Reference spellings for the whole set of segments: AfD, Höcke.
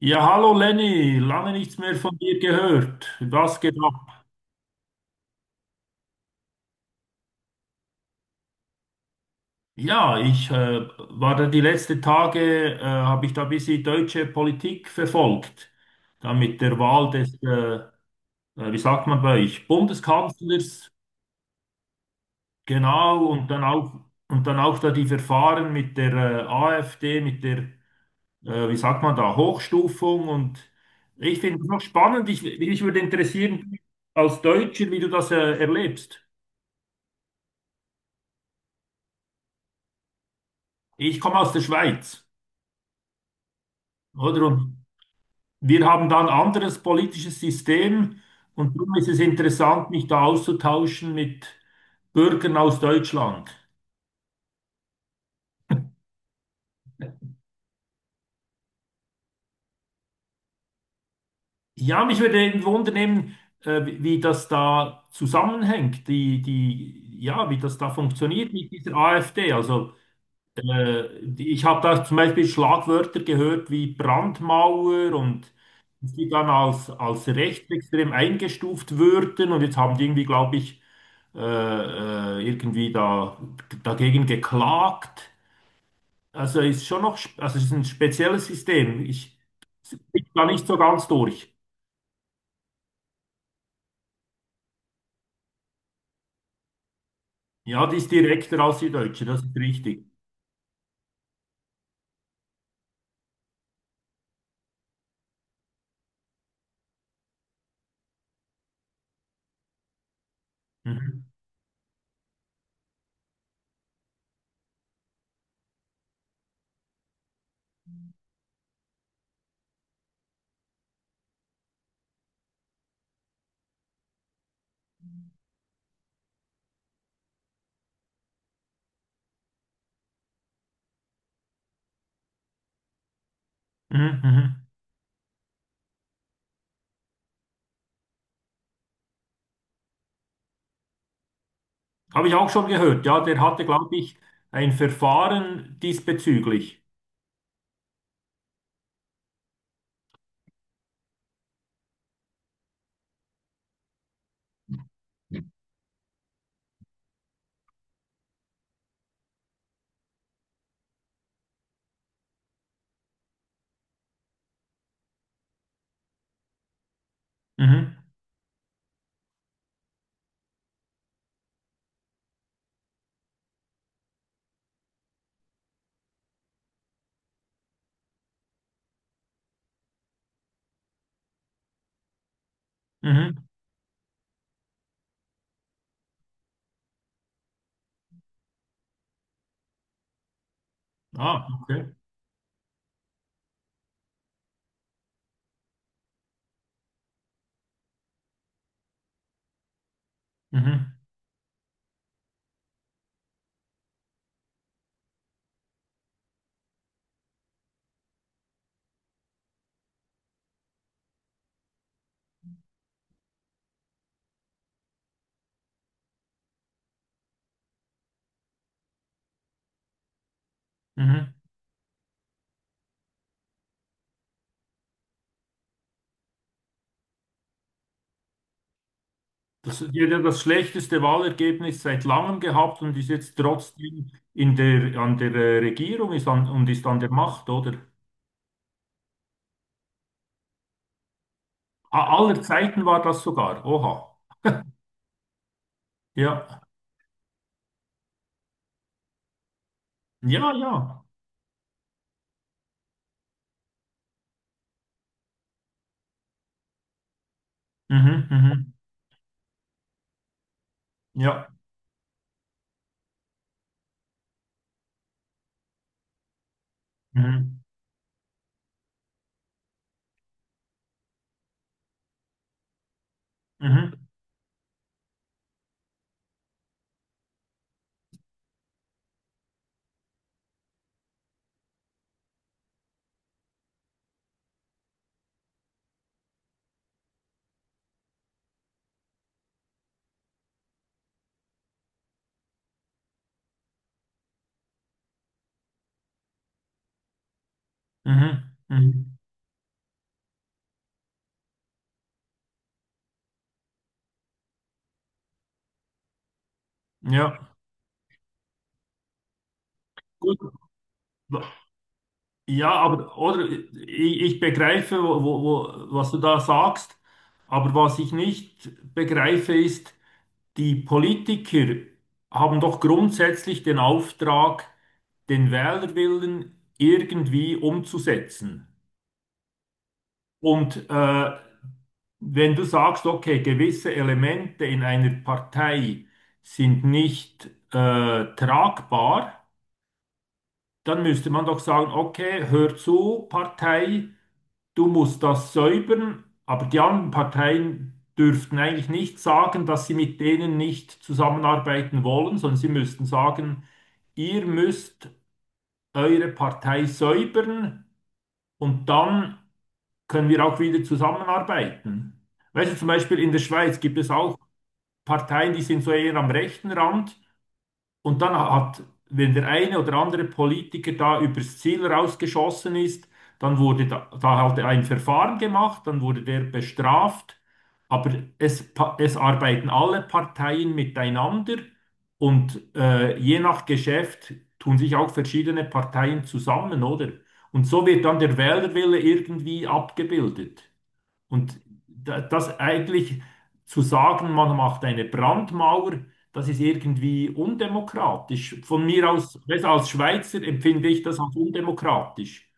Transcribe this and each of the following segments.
Ja, hallo Lenny, lange nichts mehr von dir gehört. Was geht ab? Ja, ich war da die letzten Tage, habe ich da ein bisschen deutsche Politik verfolgt. Da mit der Wahl des, wie sagt man bei euch, Bundeskanzlers, genau, und dann auch da die Verfahren mit der AfD, mit der, wie sagt man da, Hochstufung. Und ich finde es noch spannend, mich würde interessieren, als Deutscher, wie du das erlebst. Ich komme aus der Schweiz, oder? Und wir haben da ein anderes politisches System und darum ist es interessant, mich da auszutauschen mit Bürgern aus Deutschland. Ja, mich würde eben wundern, wie das da zusammenhängt, die, ja, wie das da funktioniert mit dieser AfD. Also ich habe da zum Beispiel Schlagwörter gehört wie Brandmauer und die dann als rechtsextrem eingestuft würden und jetzt haben die irgendwie, glaube ich, äh, da, dagegen geklagt. Also ist schon noch, also es ist ein spezielles System. Ich bin da nicht so ganz durch. Ja, die ist direkter als die Deutsche, das ist richtig. Mhm. Mhm. Mhm. Habe ich auch schon gehört. Ja, der hatte, glaube ich, ein Verfahren diesbezüglich. Mhm. Mhm. Ah, okay. Mhm. Mhm. Die hat ja das schlechteste Wahlergebnis seit langem gehabt und ist jetzt trotzdem an der Regierung und ist an der Macht, oder? Aller Zeiten war das sogar. Oha. Ja. Ja, ja. Mhm. Mhm. Ja. Mhm. Mhm. Mhm. Mhm. Ja. Gut. Ja, aber oder ich begreife, was du da sagst, aber was ich nicht begreife ist, die Politiker haben doch grundsätzlich den Auftrag, den Wählerwillen irgendwie umzusetzen. Und wenn du sagst, okay, gewisse Elemente in einer Partei sind nicht tragbar, dann müsste man doch sagen, okay, hör zu, Partei. Du musst das säubern, aber die anderen Parteien dürften eigentlich nicht sagen, dass sie mit denen nicht zusammenarbeiten wollen, sondern sie müssten sagen, ihr müsst eure Partei säubern und dann können wir auch wieder zusammenarbeiten. Weißt du, zum Beispiel in der Schweiz gibt es auch Parteien, die sind so eher am rechten Rand. Und wenn der eine oder andere Politiker da übers Ziel rausgeschossen ist, dann wurde da halt ein Verfahren gemacht, dann wurde der bestraft. Aber es arbeiten alle Parteien miteinander und je nach Geschäft tun sich auch verschiedene Parteien zusammen, oder? Und so wird dann der Wählerwille irgendwie abgebildet. Und das eigentlich zu sagen, man macht eine Brandmauer, das ist irgendwie undemokratisch. Von mir aus, weißt du, als Schweizer empfinde ich das als undemokratisch.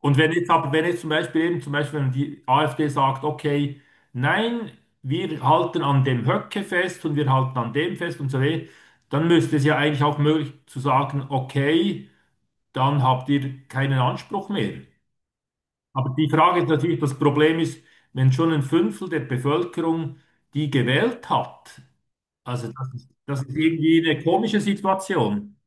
Und wenn jetzt zum Beispiel zum Beispiel, wenn die AfD sagt, okay, nein, wir halten an dem Höcke fest und wir halten an dem fest und so weiter, dann müsste es ja eigentlich auch möglich zu sagen, okay, dann habt ihr keinen Anspruch mehr. Aber die Frage ist natürlich, das Problem ist, wenn schon ein Fünftel der Bevölkerung die gewählt hat, also das ist irgendwie eine komische Situation.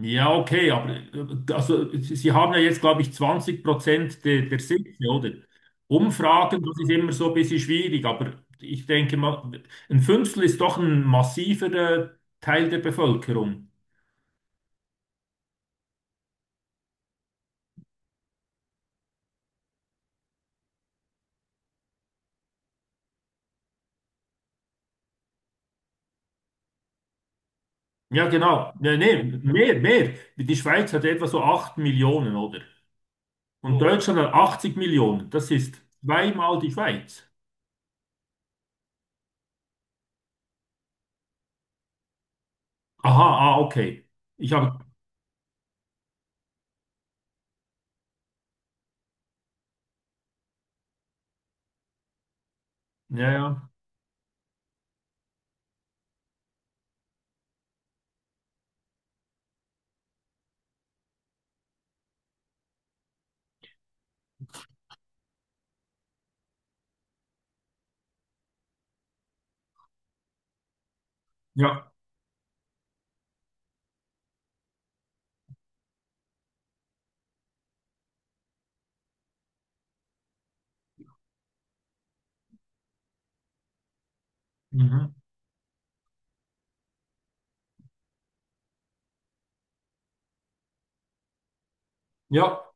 Ja, okay, aber also, Sie haben ja jetzt, glaube ich, 20% der Sitze, oder? Umfragen, das ist immer so ein bisschen schwierig, aber ich denke mal, ein Fünftel ist doch ein massiver Teil der Bevölkerung. Ja, genau. Nee, nee, mehr, mehr. Die Schweiz hat etwa so 8 Millionen, oder? Und Deutschland hat 80 Millionen. Das ist zweimal die Schweiz. Aha, ah, okay. Ich habe, ja, ja, ja, mhm. Ja,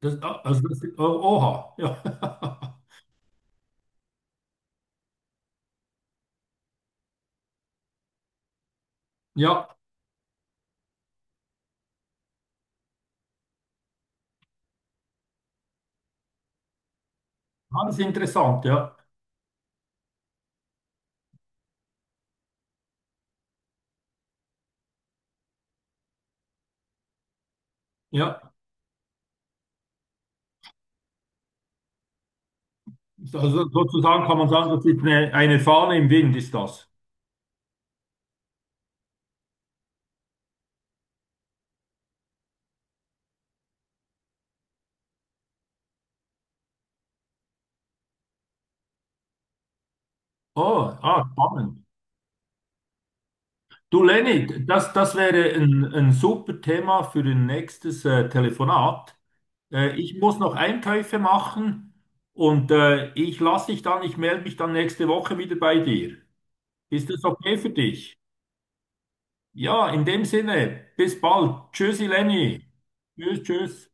das, ah, also das, oh, oha, ja, ja, alles interessant, ja, ja. Also sozusagen kann man sagen, das ist eine Fahne im Wind, ist das. Oh, ah, spannend. Du, Lenny, das wäre ein super Thema für ein nächstes Telefonat. Ich muss noch Einkäufe machen und ich melde mich dann nächste Woche wieder bei dir. Ist das okay für dich? Ja, in dem Sinne, bis bald. Tschüssi, Lenny. Tschüss, tschüss.